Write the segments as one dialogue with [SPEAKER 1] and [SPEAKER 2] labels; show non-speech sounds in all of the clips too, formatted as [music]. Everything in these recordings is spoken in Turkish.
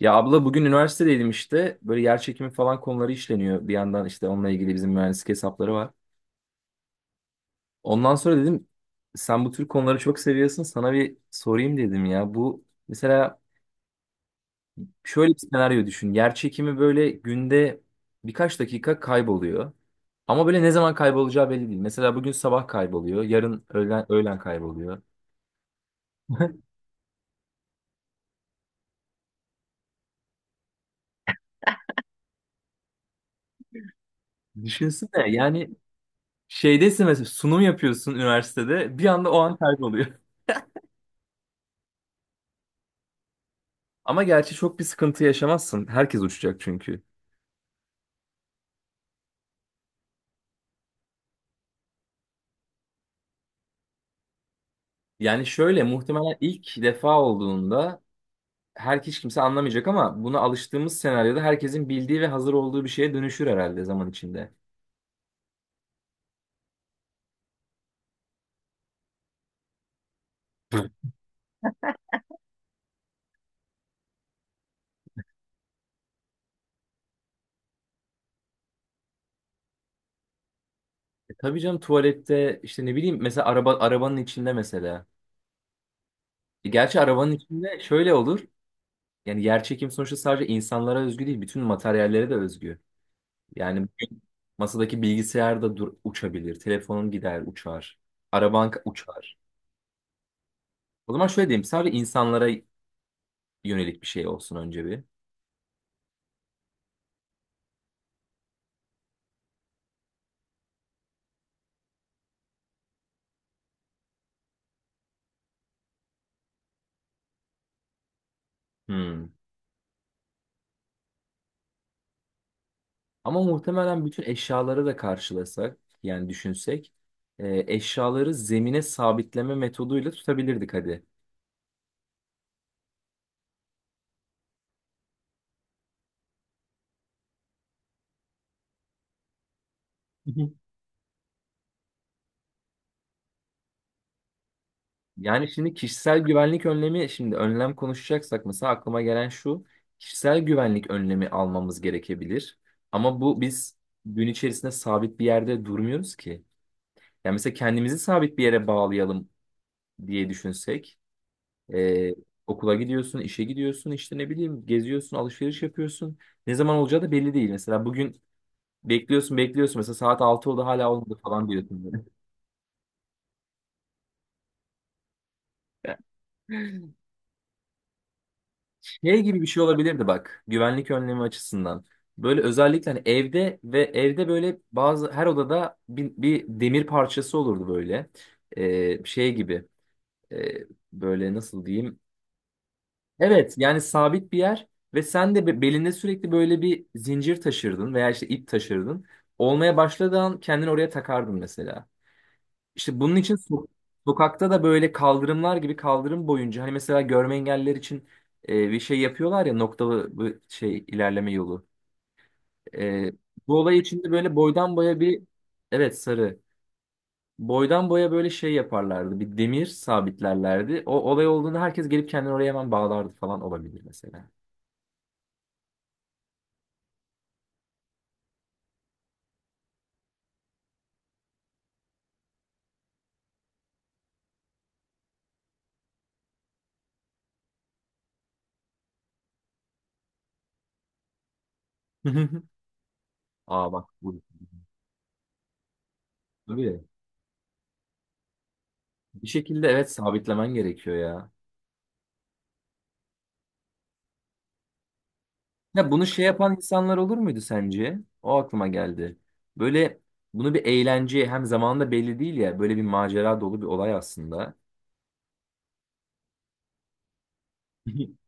[SPEAKER 1] Ya abla bugün üniversitedeydim işte. Böyle yer çekimi falan konuları işleniyor. Bir yandan işte onunla ilgili bizim mühendislik hesapları var. Ondan sonra dedim sen bu tür konuları çok seviyorsun. Sana bir sorayım dedim ya. Bu mesela şöyle bir senaryo düşün. Yer çekimi böyle günde birkaç dakika kayboluyor. Ama böyle ne zaman kaybolacağı belli değil. Mesela bugün sabah kayboluyor. Yarın öğlen kayboluyor. [laughs] Düşünsene yani şeydesin mesela sunum yapıyorsun üniversitede. Bir anda o an kayboluyor. Ama gerçi çok bir sıkıntı yaşamazsın. Herkes uçacak çünkü. Yani şöyle muhtemelen ilk defa olduğunda hiç kimse anlamayacak, ama buna alıştığımız senaryoda herkesin bildiği ve hazır olduğu bir şeye dönüşür herhalde zaman içinde. Hı. E tabii canım, tuvalette işte ne bileyim, mesela arabanın içinde mesela. E gerçi arabanın içinde şöyle olur. Yani yerçekim sonuçta sadece insanlara özgü değil, bütün materyallere de özgü. Yani bugün masadaki bilgisayar da dur, uçabilir, telefonun gider, uçar, araban uçar. O zaman şöyle diyeyim. Sadece insanlara yönelik bir şey olsun önce bir. Hmm. Ama muhtemelen bütün eşyaları da karşılasak, yani düşünsek eşyaları zemine sabitleme metoduyla tutabilirdik hadi. Hı hı. Yani şimdi kişisel güvenlik önlemi, şimdi önlem konuşacaksak mesela aklıma gelen şu: kişisel güvenlik önlemi almamız gerekebilir. Ama bu biz gün içerisinde sabit bir yerde durmuyoruz ki. Yani mesela kendimizi sabit bir yere bağlayalım diye düşünsek. Ee, Okula gidiyorsun, işe gidiyorsun, işte ne bileyim geziyorsun, alışveriş yapıyorsun. Ne zaman olacağı da belli değil. Mesela bugün bekliyorsun, bekliyorsun. Mesela saat 6 oldu, hala olmadı falan diyorsun böyle. [laughs] Şey gibi bir şey olabilirdi bak, güvenlik önlemi açısından. Böyle özellikle hani evde, ve evde böyle bazı her odada bir demir parçası olurdu böyle. Şey gibi. Ee, Böyle nasıl diyeyim. Evet, yani sabit bir yer, ve sen de belinde sürekli böyle bir zincir taşırdın veya işte ip taşırdın. Olmaya başladığı an kendini oraya takardın mesela. İşte bunun için sokakta da böyle kaldırımlar gibi, kaldırım boyunca hani mesela görme engelliler için bir şey yapıyorlar ya, noktalı bu şey, ilerleme yolu. E, Bu olay içinde böyle boydan boya bir, evet, sarı. Boydan boya böyle şey yaparlardı. Bir demir sabitlerlerdi. O olay olduğunda herkes gelip kendini oraya hemen bağlardı falan, olabilir mesela. [laughs] Aa, bak bu. Tabii. Bir şekilde evet, sabitlemen gerekiyor ya. Ya bunu şey yapan insanlar olur muydu sence? O aklıma geldi. Böyle bunu bir eğlence, hem zamanında belli değil ya. Böyle bir macera dolu bir olay aslında. [laughs]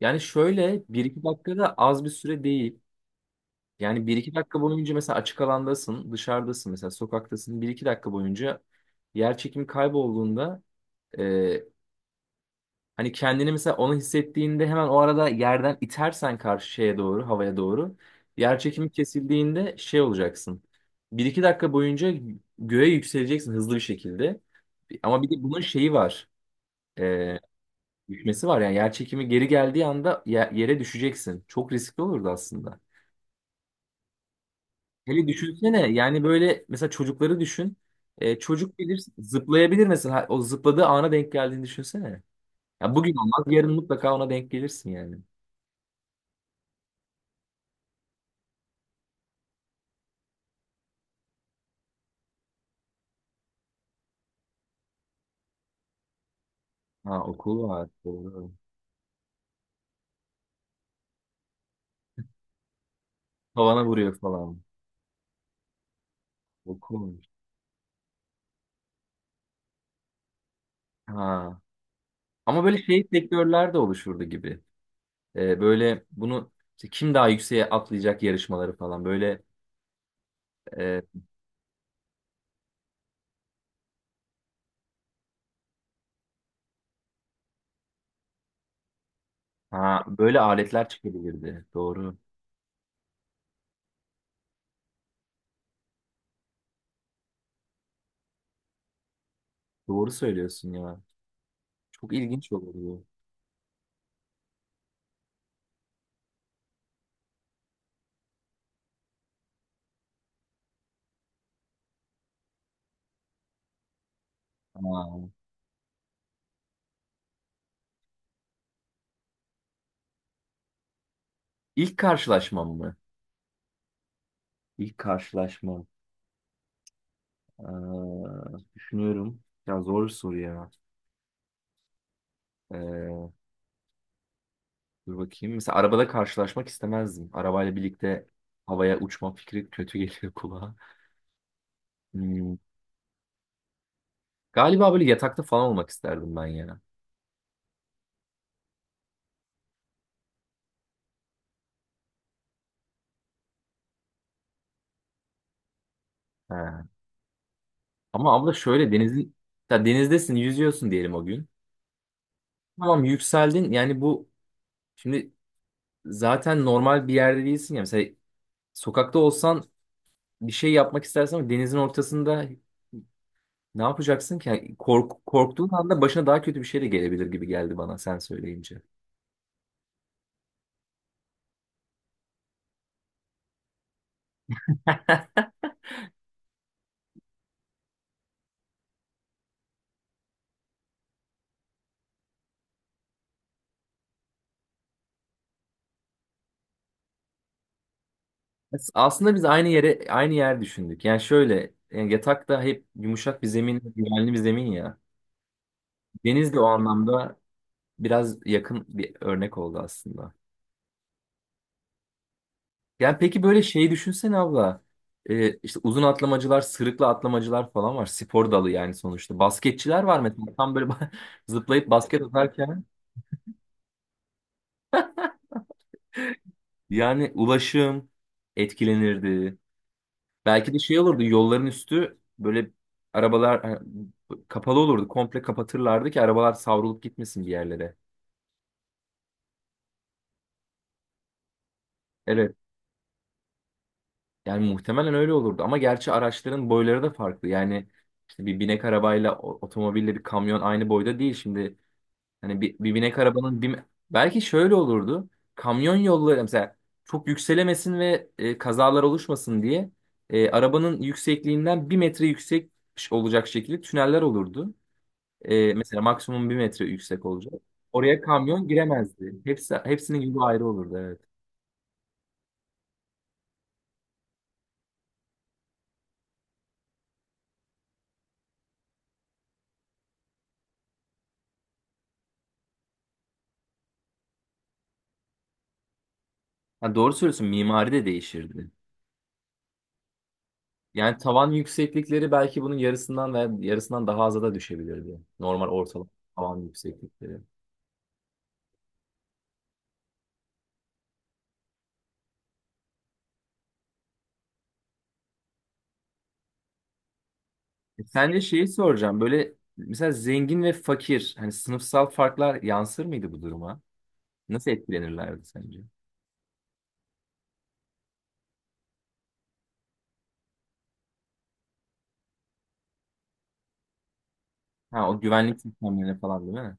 [SPEAKER 1] Yani şöyle, bir iki dakikada az bir süre değil. Yani bir iki dakika boyunca mesela açık alandasın, dışarıdasın, mesela sokaktasın. Bir iki dakika boyunca yer çekimi kaybolduğunda e, hani kendini, mesela onu hissettiğinde hemen o arada yerden itersen karşı şeye doğru, havaya doğru, yer çekimi kesildiğinde şey olacaksın. Bir iki dakika boyunca göğe yükseleceksin hızlı bir şekilde. Ama bir de bunun şeyi var. E, Düşmesi var, yani yer çekimi geri geldiği anda yere düşeceksin. Çok riskli olurdu aslında. Hele düşünsene yani, böyle mesela çocukları düşün. Çocuk bilir zıplayabilir mesela, o zıpladığı ana denk geldiğini düşünsene. Ya bugün olmaz, yarın mutlaka ona denk gelirsin yani. Ha, okul var. Doğru. Tavana vuruyor falan. Okul. Ha. Ama böyle şey, sektörler de oluşurdu gibi. Böyle bunu, işte kim daha yükseğe atlayacak yarışmaları falan, böyle e, ha, böyle aletler çıkabilirdi. Doğru. Doğru söylüyorsun ya. Çok ilginç olurdu. Ha. İlk karşılaşmam mı? İlk karşılaşmam. Ee, Düşünüyorum. Ya zor bir soru ya. Ee, Dur bakayım. Mesela arabada karşılaşmak istemezdim. Arabayla birlikte havaya uçma fikri kötü [laughs] geliyor kulağa. Hmm, Galiba böyle yatakta falan olmak isterdim ben ya. He. Ama abla şöyle, denizin, ya denizdesin yüzüyorsun diyelim o gün. Tamam, yükseldin, yani bu şimdi zaten normal bir yerde değilsin ya. Mesela sokakta olsan bir şey yapmak istersen, ama denizin ortasında ne yapacaksın ki? Yani korktuğun anda başına daha kötü bir şey de gelebilir gibi geldi bana sen söyleyince. Aslında biz aynı yer düşündük. Yani şöyle, yani yatak da hep yumuşak bir zemin, güvenli bir zemin ya. Deniz de o anlamda biraz yakın bir örnek oldu aslında. Yani peki, böyle şeyi düşünsene abla. İşte uzun atlamacılar, sırıkla atlamacılar falan var. Spor dalı yani sonuçta. Basketçiler var mesela. Tam böyle [laughs] zıplayıp basket atarken, yani ulaşım etkilenirdi. Belki de şey olurdu, yolların üstü böyle, arabalar ha, kapalı olurdu. Komple kapatırlardı ki arabalar savrulup gitmesin bir yerlere. Evet. Yani muhtemelen öyle olurdu. Ama gerçi araçların boyları da farklı. Yani işte bir binek arabayla otomobille bir kamyon aynı boyda değil. Şimdi hani bir binek arabanın bir... Belki şöyle olurdu. Kamyon yolları mesela çok yükselemesin ve kazalar oluşmasın diye arabanın yüksekliğinden 1 metre yüksek olacak şekilde tüneller olurdu. Mesela maksimum 1 metre yüksek olacak. Oraya kamyon giremezdi. Hepsinin yolu ayrı olurdu, evet. Ha, doğru söylüyorsun, mimari de değişirdi. Yani tavan yükseklikleri belki bunun yarısından veya yarısından daha aza da düşebilirdi. Normal ortalama tavan yükseklikleri. Sence şeyi soracağım, böyle mesela zengin ve fakir, hani sınıfsal farklar yansır mıydı bu duruma? Nasıl etkilenirlerdi sence? Ha, o güvenlik sistemlerine falan, değil mi?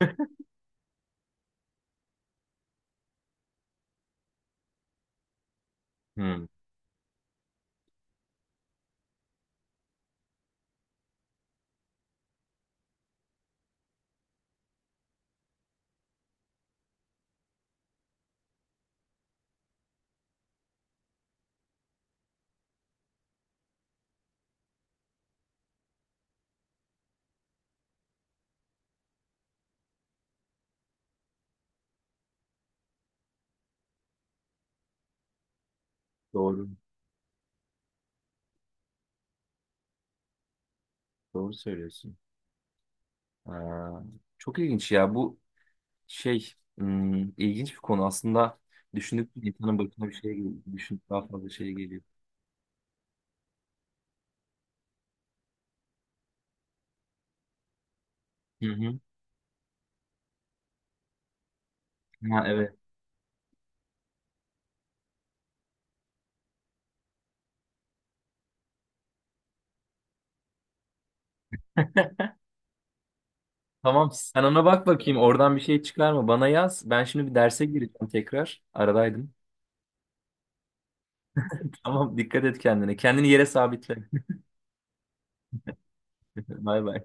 [SPEAKER 1] [laughs] Hmm, doğru. Doğru söylüyorsun. Aa, çok ilginç ya. İlginç bir konu aslında. Düşündük, insanın başına bir şey geliyor. Düşünüp daha fazla şey geliyor. Hı hı. Ha, evet. [laughs] Tamam, sen ona bak bakayım, oradan bir şey çıkar mı? Bana yaz. Ben şimdi bir derse gireceğim tekrar. Aradaydım. [laughs] Tamam, dikkat et kendine. Kendini yere sabitle. [laughs] Bay bay.